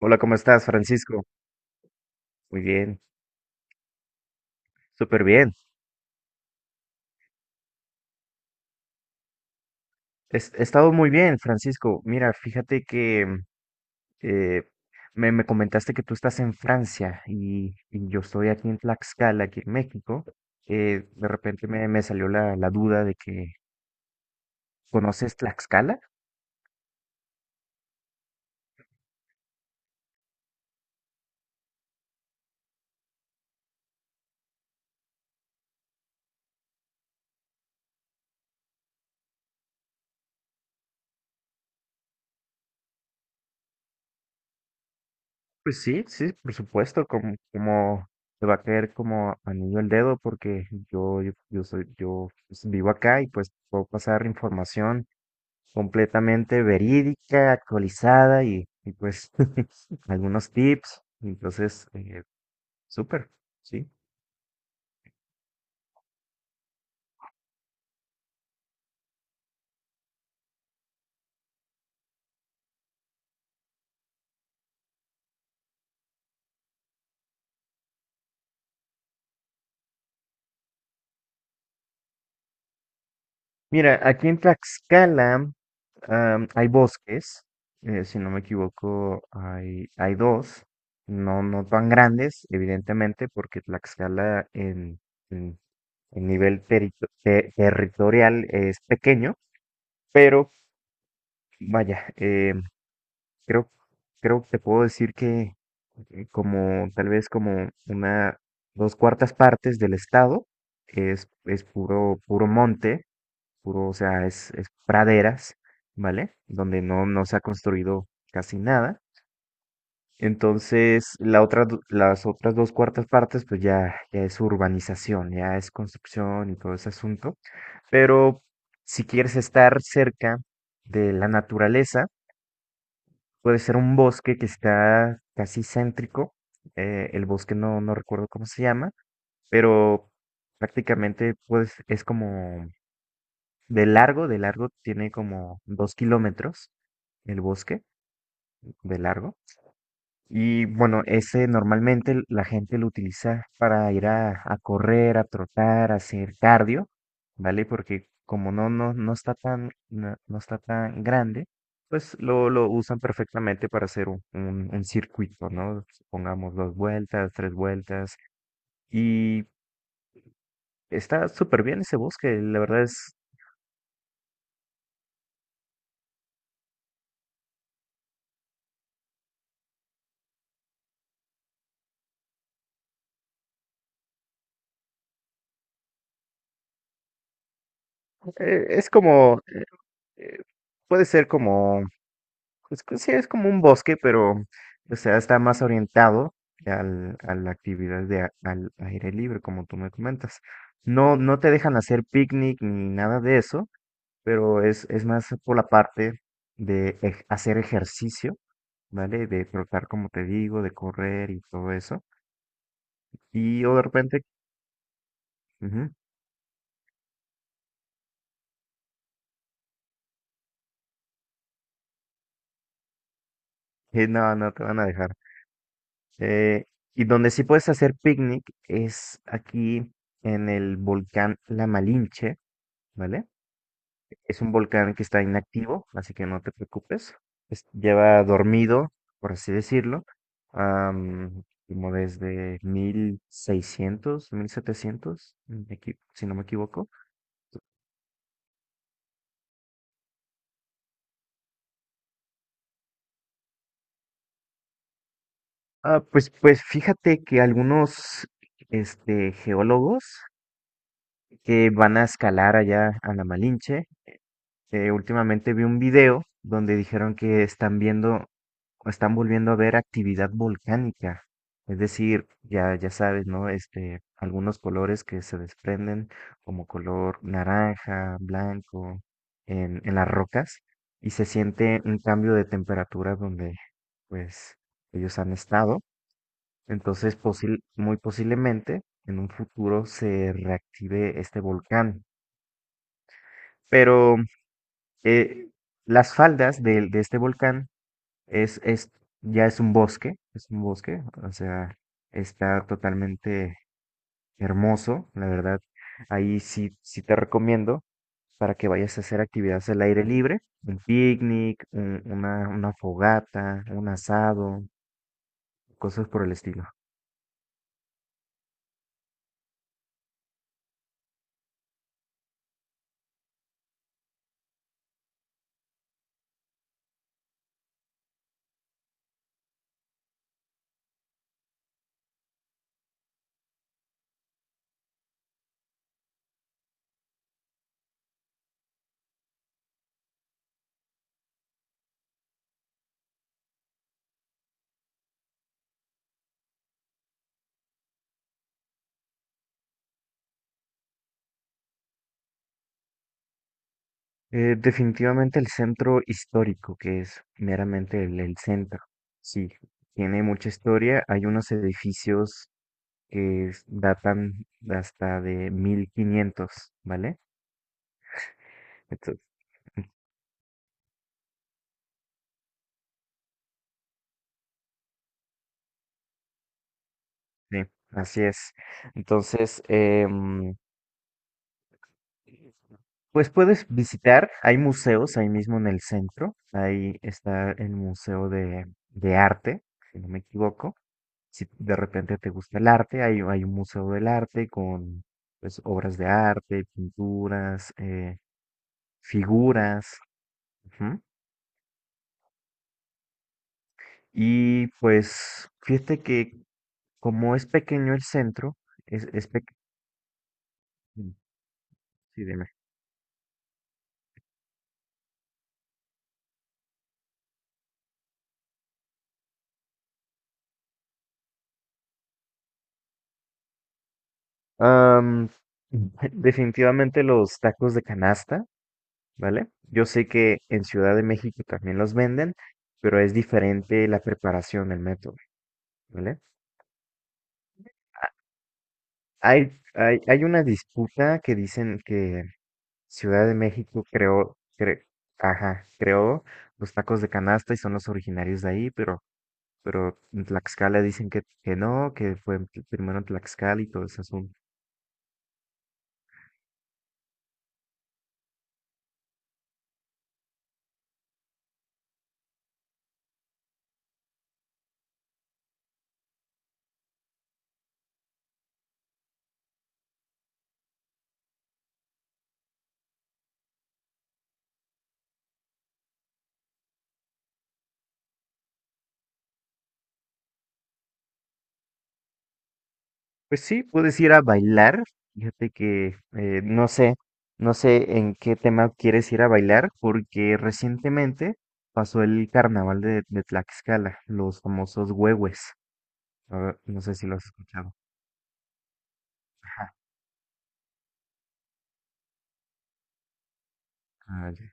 Hola, ¿cómo estás, Francisco? Muy bien, súper bien. He estado muy bien, Francisco. Mira, fíjate que eh, me comentaste que tú estás en Francia y yo estoy aquí en Tlaxcala, aquí en México. De repente me salió la duda de que, ¿conoces Tlaxcala? Pues sí, sí, por supuesto, como te va a caer como anillo al dedo porque yo soy, yo pues, vivo acá y pues puedo pasar información completamente verídica, actualizada y pues algunos tips. Entonces, súper, ¿sí? Mira, aquí en Tlaxcala hay bosques, si no me equivoco, hay dos, no tan grandes, evidentemente, porque Tlaxcala en, en nivel territorial es pequeño, pero vaya, Creo, creo que te puedo decir que como tal vez como una dos cuartas partes del estado es puro, puro monte, puro, o sea, es praderas, ¿vale? Donde no se ha construido casi nada. Entonces, las otras dos cuartas partes, pues ya es urbanización, ya es construcción y todo ese asunto. Pero si quieres estar cerca de la naturaleza, puede ser un bosque que está casi céntrico. El bosque no recuerdo cómo se llama, pero prácticamente pues es como de largo tiene como 2 kilómetros el bosque de largo. Y bueno, ese normalmente la gente lo utiliza para ir a, correr, a trotar, a hacer cardio, ¿vale? Porque como no está tan, no está tan grande, pues lo usan perfectamente para hacer un circuito, ¿no? Pongamos dos vueltas, tres vueltas. Y está súper bien ese bosque, la verdad es como, eh, puede ser como pues que sí, es como un bosque, pero, o sea, está más orientado al, a la actividad de, al aire libre, como tú me comentas. No, no te dejan hacer picnic ni nada de eso, pero es más por la parte de hacer ejercicio, ¿vale? De trotar, como te digo, de correr y todo eso. Y o de repente, ujú, No, no te van a dejar. Eh, y donde sí puedes hacer picnic es aquí en el volcán La Malinche, ¿vale? Es un volcán que está inactivo, así que no te preocupes. Lleva dormido, por así decirlo, am, como desde mil 1700, si no me equivoco. Ah, pues, pues fíjate que algunos este, geólogos que van a escalar allá a la Malinche. Últimamente vi un video donde dijeron que están viendo o están volviendo a ver actividad volcánica. Es decir, ya, ya sabes, ¿no? Este, algunos colores que se desprenden, como color naranja, blanco, en las rocas, y se siente un cambio de temperatura donde, pues, ellos han estado. Entonces, muy posiblemente en un futuro se reactive este volcán. Pero eh, las faldas de este volcán es, es, ya es un bosque, o sea, está totalmente hermoso, la verdad. Ahí sí, sí te recomiendo para que vayas a hacer actividades al aire libre, un picnic, una fogata, un asado, cosas por el estilo. Definitivamente el centro histórico, que es meramente el centro, sí, tiene mucha historia, hay unos edificios que datan hasta de 1500, ¿vale? Entonces, sí, así es. Entonces, pues puedes visitar, hay museos ahí mismo en el centro, ahí está el Museo de Arte, si no me equivoco. Si de repente te gusta el arte, hay un museo del arte con pues, obras de arte, pinturas, figuras. Ujú. Y pues fíjate que como es pequeño el centro, es, es pe- Sí, dime. Am, Definitivamente los tacos de canasta, ¿vale? Yo sé que en Ciudad de México también los venden, pero es diferente la preparación, el método, ¿vale? A- hay una disputa que dicen que Ciudad de México creó, ajá, creó los tacos de canasta y son los originarios de ahí, pero en Tlaxcala dicen que, no, que fue primero en Tlaxcala y todo eso. Pues sí, puedes ir a bailar. Fíjate que no sé, no sé en qué tema quieres ir a bailar, porque recientemente pasó el carnaval de Tlaxcala, los famosos huehues. Ah, no sé si lo has escuchado. Ajá. Ah, ya.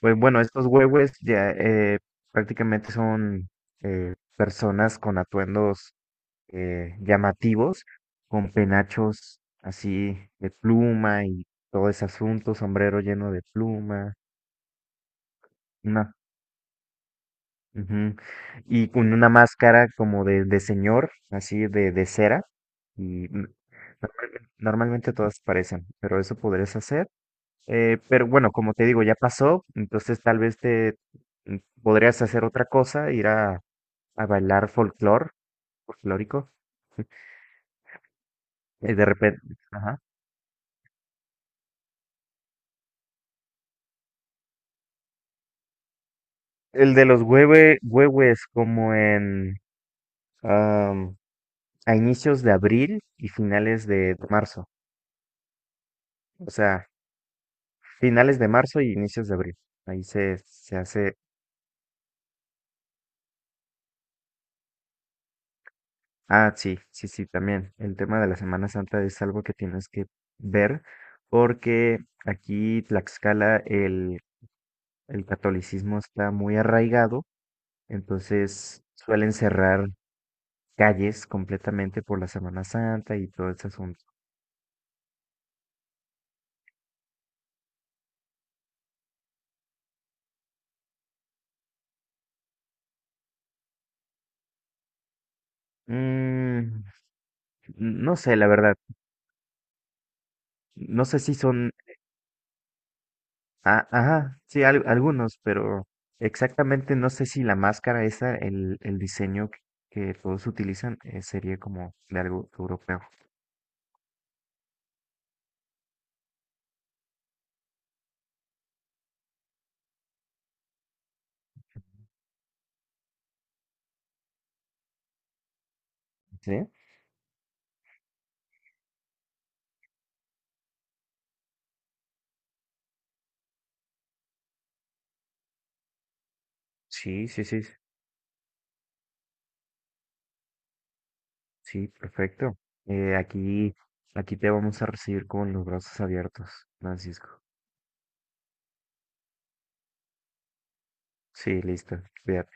Pues bueno, estos huehues ya prácticamente son personas con atuendos llamativos, con penachos así de pluma y todo ese asunto, sombrero lleno de pluma. Una. Ujú. Y con una máscara como de señor, así de cera. Y normalmente, normalmente todas parecen, pero eso podrías hacer. Pero bueno, como te digo, ya pasó, entonces tal vez te mm, podrías hacer otra cosa, ir a bailar folclor, folclórico. Y de repente, ajá. El de los huehues como en am, a inicios de abril y finales de marzo. O sea, finales de marzo y inicios de abril. Ahí se hace. Ah, sí, sí, sí, también. El tema de la Semana Santa es algo que tienes que ver porque aquí Tlaxcala el catolicismo está muy arraigado, entonces suelen cerrar calles completamente por la Semana Santa y todo ese asunto. Mm, no sé, la verdad. No sé si son. Ah, ajá, sí, algunos, pero exactamente no sé si la máscara esa, el diseño que todos utilizan, sería como de algo europeo. ¿Sí? Sí, sí, sí, sí, perfecto. Aquí, aquí te vamos a recibir con los brazos abiertos, Francisco. Sí, listo, cuídate.